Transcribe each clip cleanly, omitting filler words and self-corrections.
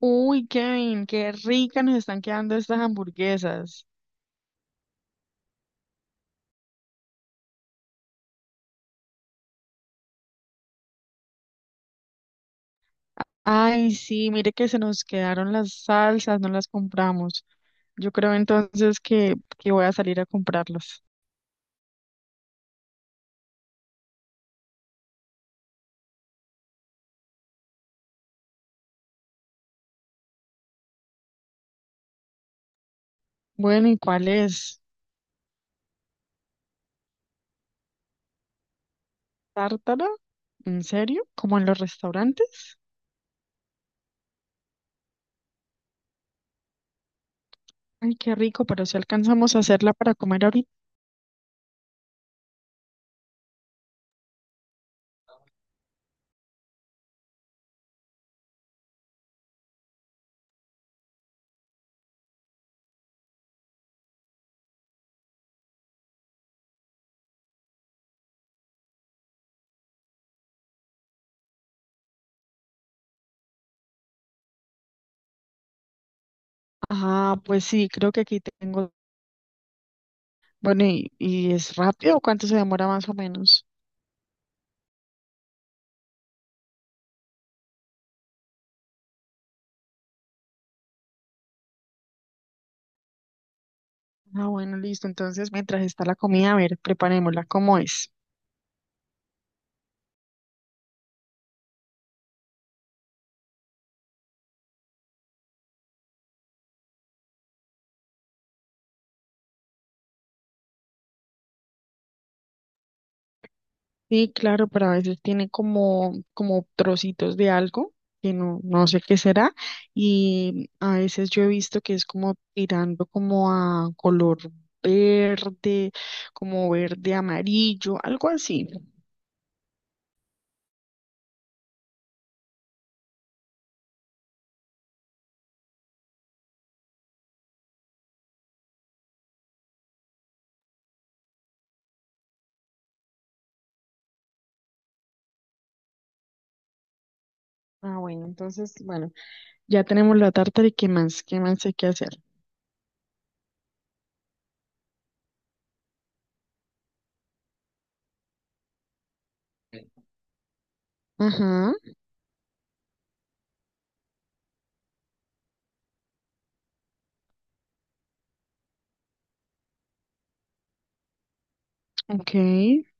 Uy, Kevin, qué ricas nos están quedando estas hamburguesas. Ay, sí, mire que se nos quedaron las salsas, no las compramos. Yo creo entonces que voy a salir a comprarlas. Bueno, ¿y cuál es? ¿Tártara? ¿En serio? ¿Como en los restaurantes? Ay, qué rico, pero si alcanzamos a hacerla para comer ahorita. Ah, pues sí, creo que aquí tengo. Bueno, ¿y es rápido? ¿Cuánto se demora más o menos? Ah, bueno, listo. Entonces, mientras está la comida, a ver, preparémosla. ¿Cómo es? Sí, claro, pero a veces tiene como trocitos de algo que no sé qué será y a veces yo he visto que es como tirando como a color verde, como verde amarillo, algo así. Ah, bueno, entonces, bueno, ya tenemos la tártara y qué más hay que hacer. Ajá, ok,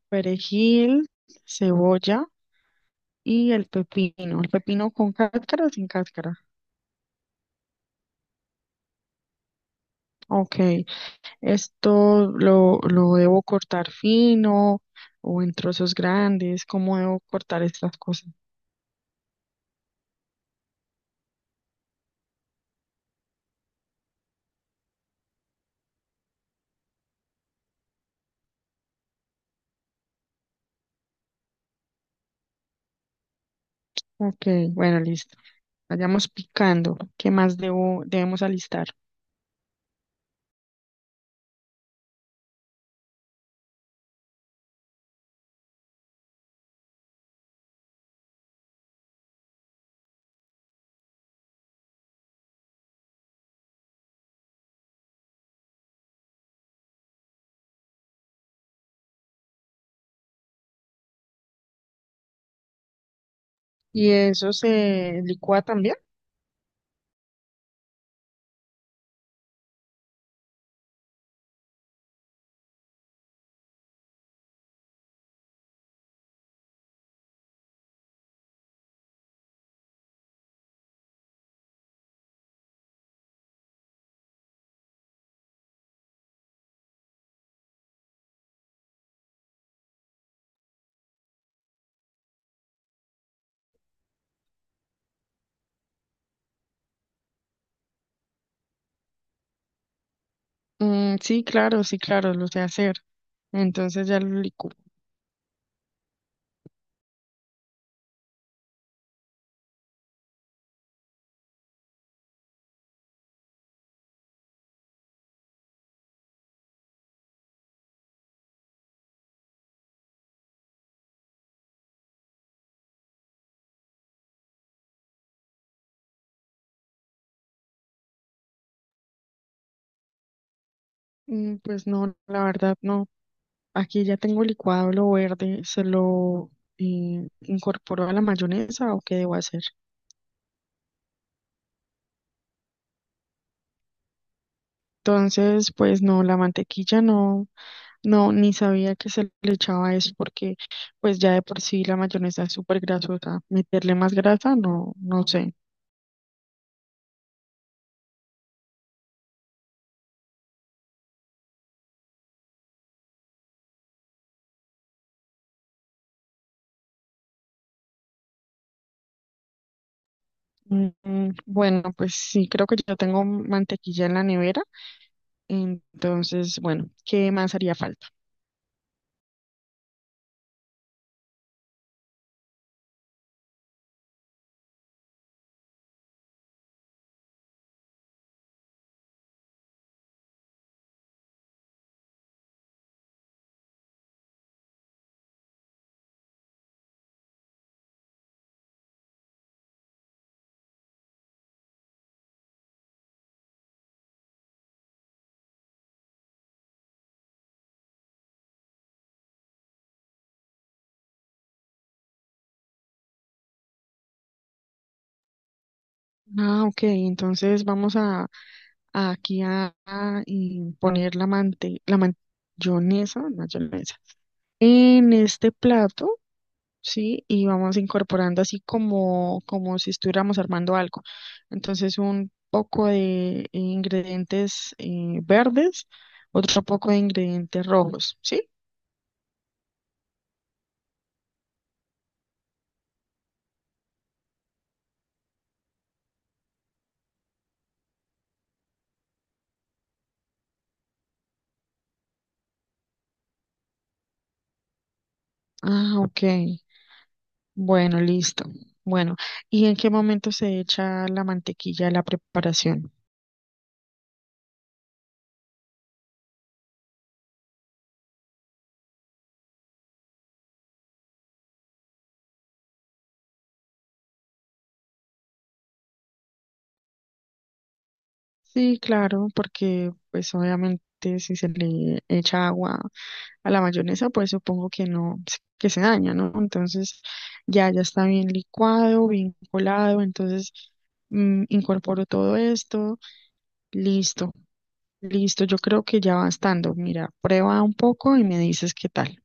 perejil, cebolla y el pepino, ¿el pepino con cáscara o sin cáscara? Ok. Esto lo debo cortar fino o en trozos grandes. ¿Cómo debo cortar estas cosas? Ok, bueno, listo. Vayamos picando. ¿Qué más debemos alistar? ¿Y eso se licúa también? Mm, sí, claro, sí, claro, lo sé hacer. Entonces ya lo licúo. Mm, pues no, la verdad no. Aquí ya tengo licuado lo verde. ¿Se lo incorporo a la mayonesa o qué debo hacer? Entonces, pues no, la mantequilla no, no, ni sabía que se le echaba eso porque pues ya de por sí la mayonesa es súper grasosa. Meterle más grasa, no, no sé. Mm, mm, bueno, pues sí, creo que ya tengo mantequilla en la nevera. Entonces, bueno, ¿qué más haría falta? Ah, ok, entonces vamos a aquí a, y poner la mante, la mayonesa, mayonesa en este plato. Sí, y vamos incorporando así como, como si estuviéramos armando algo. Entonces, un poco de ingredientes verdes, otro poco de ingredientes rojos, ¿sí? Ah, ok. Bueno, listo. Bueno, ¿y en qué momento se echa la mantequilla a la preparación? Sí, claro, porque pues obviamente si se le echa agua a la mayonesa, pues supongo que no, que se daña, ¿no? Entonces ya está bien licuado, bien colado, entonces mm, incorporo todo esto, listo, listo, yo creo que ya va estando. Mira, prueba un poco y me dices qué tal.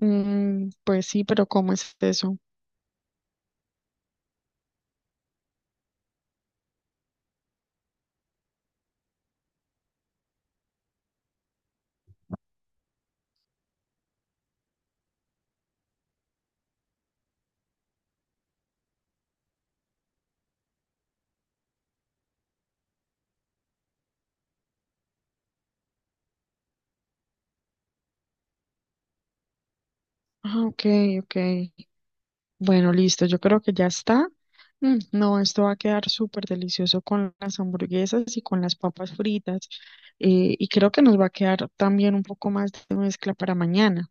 Mm, pues sí, pero ¿cómo es eso? Ah, ok, ok. Bueno, listo, yo creo que ya está. Mm, no, esto va a quedar súper delicioso con las hamburguesas y con las papas fritas. Y creo que nos va a quedar también un poco más de mezcla para mañana.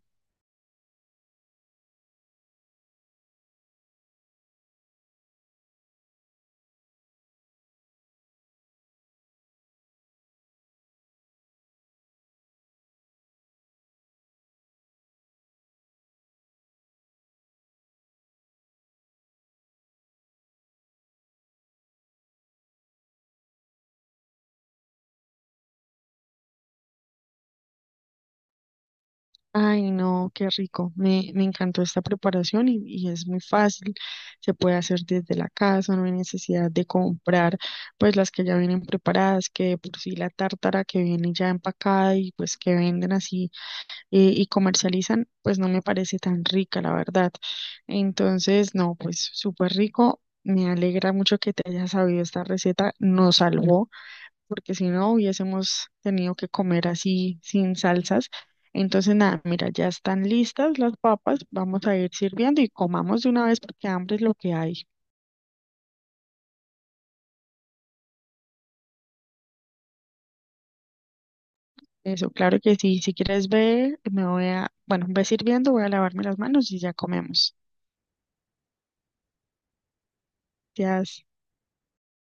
Ay, no, qué rico. Me encantó esta preparación y es muy fácil. Se puede hacer desde la casa, no hay necesidad de comprar pues las que ya vienen preparadas, que de por sí la tártara que viene ya empacada y pues que venden así y comercializan, pues no me parece tan rica, la verdad. Entonces, no, pues súper rico. Me alegra mucho que te hayas sabido esta receta. Nos salvó, porque si no hubiésemos tenido que comer así sin salsas. Entonces, nada, mira, ya están listas las papas. Vamos a ir sirviendo y comamos de una vez porque hambre es lo que hay. Eso, claro que sí. Si quieres ver, me voy a, bueno, ve sirviendo, voy a lavarme las manos y ya comemos. Ya.